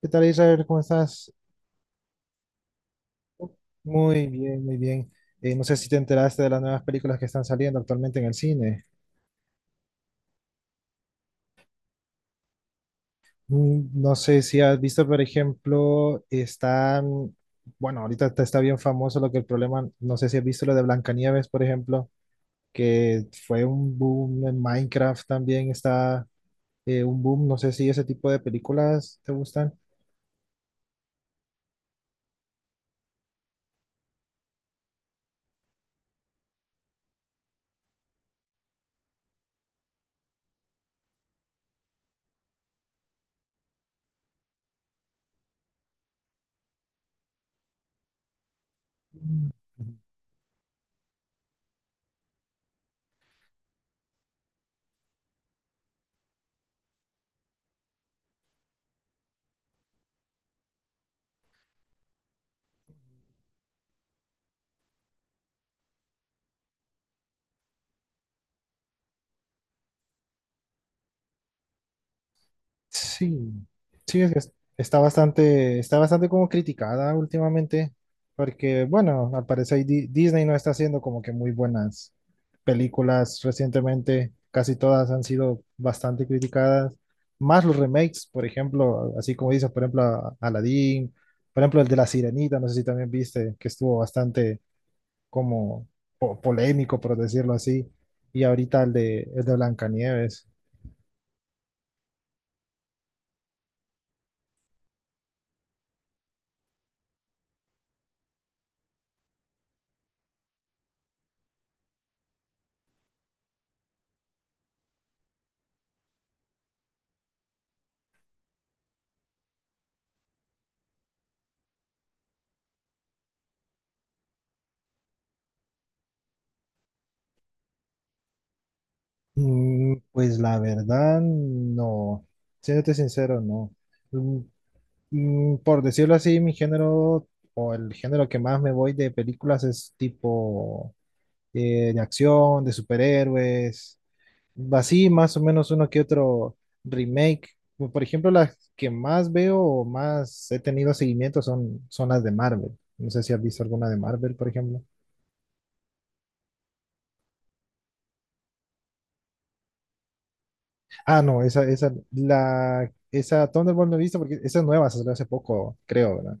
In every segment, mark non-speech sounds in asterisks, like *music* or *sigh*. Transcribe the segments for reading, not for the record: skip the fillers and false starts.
¿Qué tal, Israel? ¿Cómo estás? Muy bien, muy bien. No sé si te enteraste de las nuevas películas que están saliendo actualmente en el cine. No sé si has visto, por ejemplo, están, bueno, ahorita te está bien famoso lo que el problema, no sé si has visto lo de Blancanieves, por ejemplo, que fue un boom en Minecraft también está un boom. No sé si ese tipo de películas te gustan. Mm. Sí, sí, es que está bastante como criticada últimamente, porque bueno, al parecer Disney no está haciendo como que muy buenas películas recientemente, casi todas han sido bastante criticadas, más los remakes, por ejemplo, así como dices, por ejemplo, Aladdin, por ejemplo, el de La Sirenita, no sé si también viste, que estuvo bastante como polémico, por decirlo así, y ahorita el de, Blancanieves. Pues la verdad, no. Siéndote sincero, no. Mm, Por decirlo así, mi género o el género que más me voy de películas es tipo de acción, de superhéroes, así más o menos uno que otro remake. Como por ejemplo, las que más veo o más he tenido seguimiento son las de Marvel. No sé si has visto alguna de Marvel, por ejemplo. Ah, no, esa Thunderbolt no he visto porque esa es nueva, se salió hace poco, creo, ¿verdad?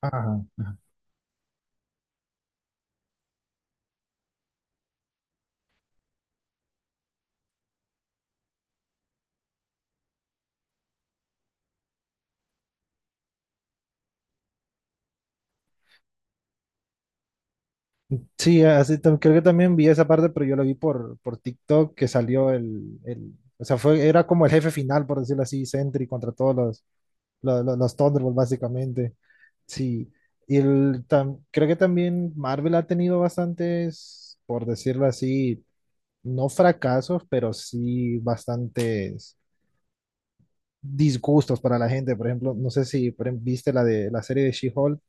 Ajá. Ajá. Sí, así, creo que también vi esa parte, pero yo la vi por TikTok que salió o sea, era como el jefe final, por decirlo así, Sentry contra todos los, Thunderbolts, básicamente. Sí, y creo que también Marvel ha tenido bastantes, por decirlo así, no fracasos, pero sí bastantes disgustos para la gente. Por ejemplo, no sé si por ejemplo, viste la de la serie de She-Hulk,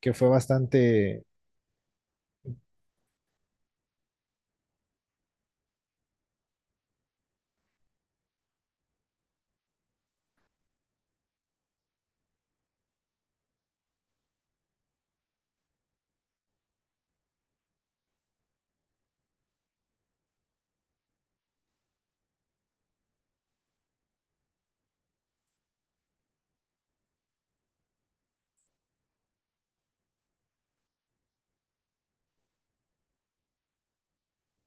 que fue bastante.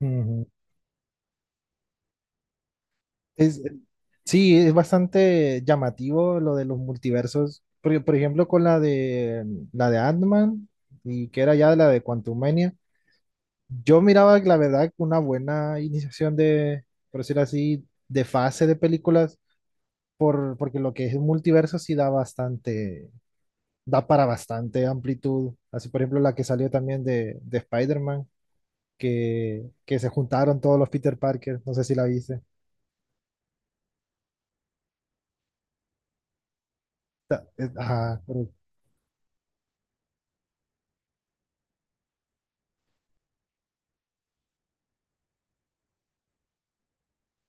Ujú. Es, sí, es bastante llamativo lo de los multiversos. Por ejemplo, con la de Ant-Man y que era ya la de Quantumania. Yo miraba, la verdad, una buena iniciación de, por decirlo así, de fase de películas, porque lo que es el multiverso sí da bastante, da para bastante amplitud. Así, por ejemplo, la que salió también de, Spider-Man que se juntaron todos los Peter Parker, no sé si la viste. Ajá, pero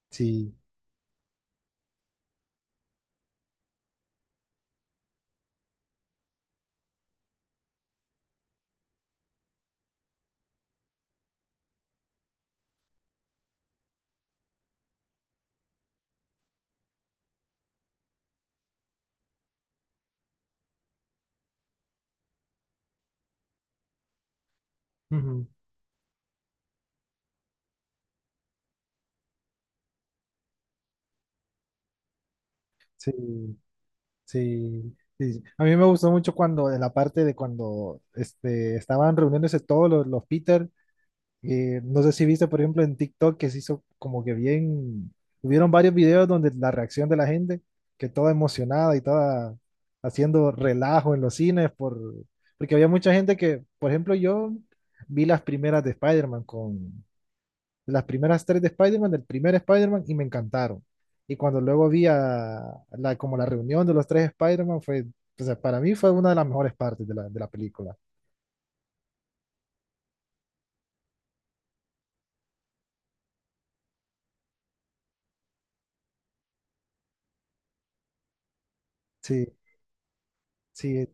sí, ujú, sí, sí, sí. A mí me gustó mucho cuando, en la parte de cuando estaban reuniéndose todos los Peter, no sé si viste, por ejemplo, en TikTok que se hizo como que bien, hubieron varios videos donde la reacción de la gente, que toda emocionada y toda haciendo relajo en los cines, porque había mucha gente que, por ejemplo, yo vi las primeras de Spider-Man con, las primeras tres de Spider-Man, del primer Spider-Man, y me encantaron. Y cuando luego vi a la, como la reunión de los tres Spider-Man, o sea, para mí fue una de las mejores partes de la, película. Sí, sí.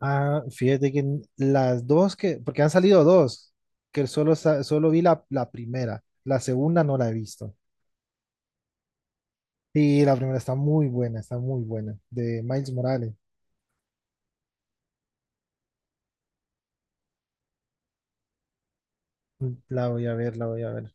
Ah, fíjate que las dos porque han salido dos, que solo vi la primera, la segunda no la he visto. Y la primera está muy buena, de Miles Morales. La voy a ver, la voy a ver.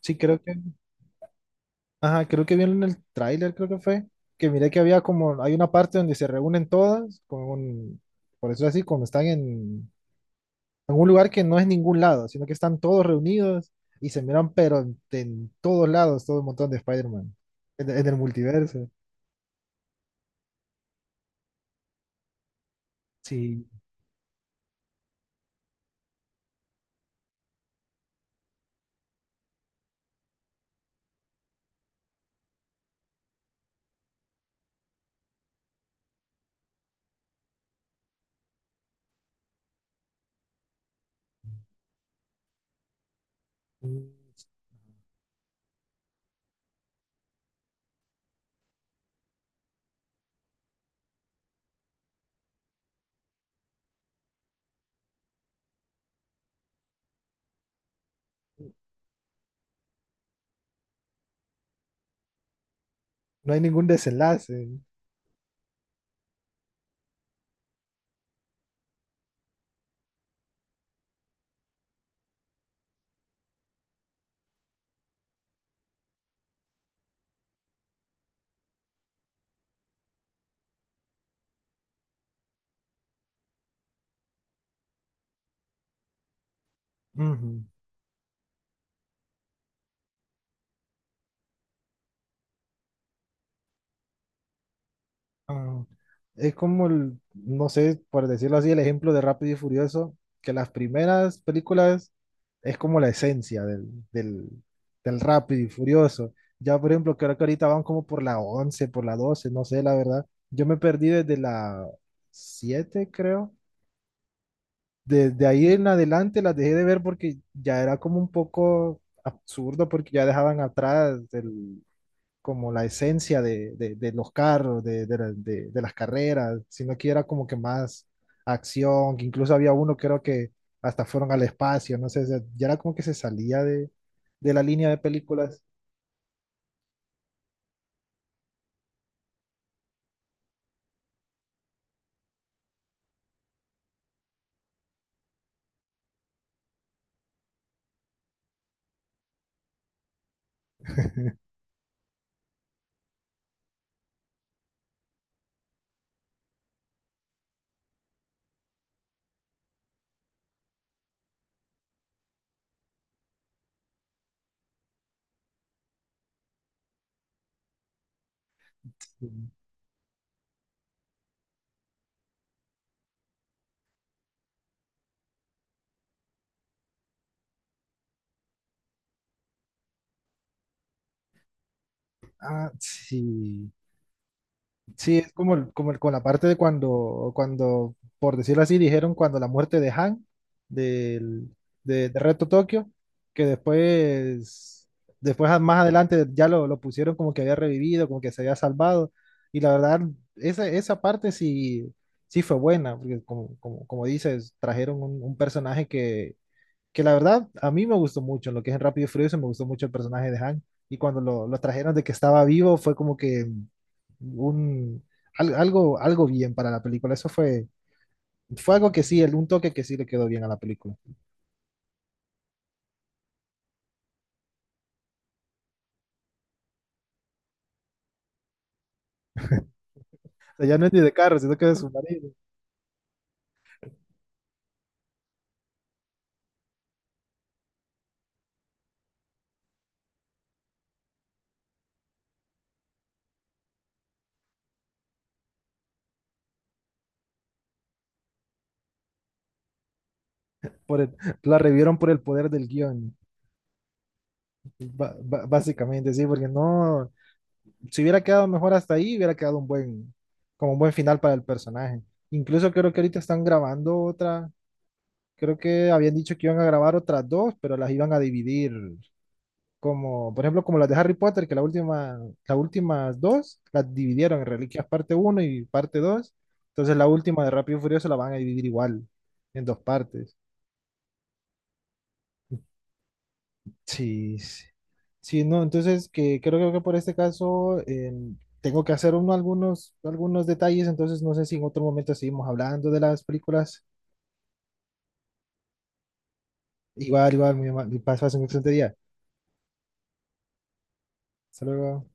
Sí, creo que Ajá, creo que vieron en el tráiler, creo que miré hay una parte donde se reúnen todas, con, por eso así, como están en un lugar que no es ningún lado, sino que están todos reunidos y se miran, pero en todos lados, todo un montón de Spider-Man, en el multiverso. Sí, mm, no hay ningún desenlace. Ujú. ah, Es como, no sé, por decirlo así, el ejemplo de Rápido y Furioso, que las primeras películas es como la esencia del, del, del rápido y furioso. Ya, por ejemplo, creo que ahorita van como por la 11 por la 12 no sé, la verdad. Yo me perdí desde la 7 creo. Desde ahí en adelante las dejé de ver porque ya era como un poco absurdo porque ya dejaban atrás como la esencia de los carros, de las carreras, sino que era como que más acción, que incluso había uno creo que hasta fueron al espacio, no sé, ya era como que se salía de la línea de películas. *laughs* Ah, sí. Sí, es como, como con la parte de cuando, por decirlo así, dijeron cuando la muerte de Han, del, de Reto Tokio, que después más adelante ya lo pusieron como que había revivido, como que se había salvado. Y la verdad, esa parte sí fue buena, porque como dices, trajeron un personaje que la verdad a mí me gustó mucho, en lo que es en Rápido y Furioso me gustó mucho el personaje de Han y cuando lo trajeron de que estaba vivo fue como que un algo bien para la película, eso fue algo que sí, un toque que sí le quedó bien a la película. O sea, ya no es ni de carro, sino que de submarino. Por el- la revivieron por el poder del guión, básicamente, sí, porque no, si hubiera quedado mejor hasta ahí, hubiera quedado un buen, como un buen final para el personaje. Incluso creo que ahorita están grabando otra. Creo que habían dicho que iban a grabar otras dos, pero las iban a dividir. Como, por ejemplo, como las de Harry Potter, que las últimas dos las dividieron en Reliquias parte uno y parte 2. Entonces la última de Rápido y Furioso la van a dividir igual, en dos partes. Sí, sí. Sí, no, entonces que creo que por este caso tengo que hacer algunos detalles, entonces no sé si en otro momento seguimos hablando de las películas. Igual, igual, mi, mi paso hace un excelente día. Hasta luego.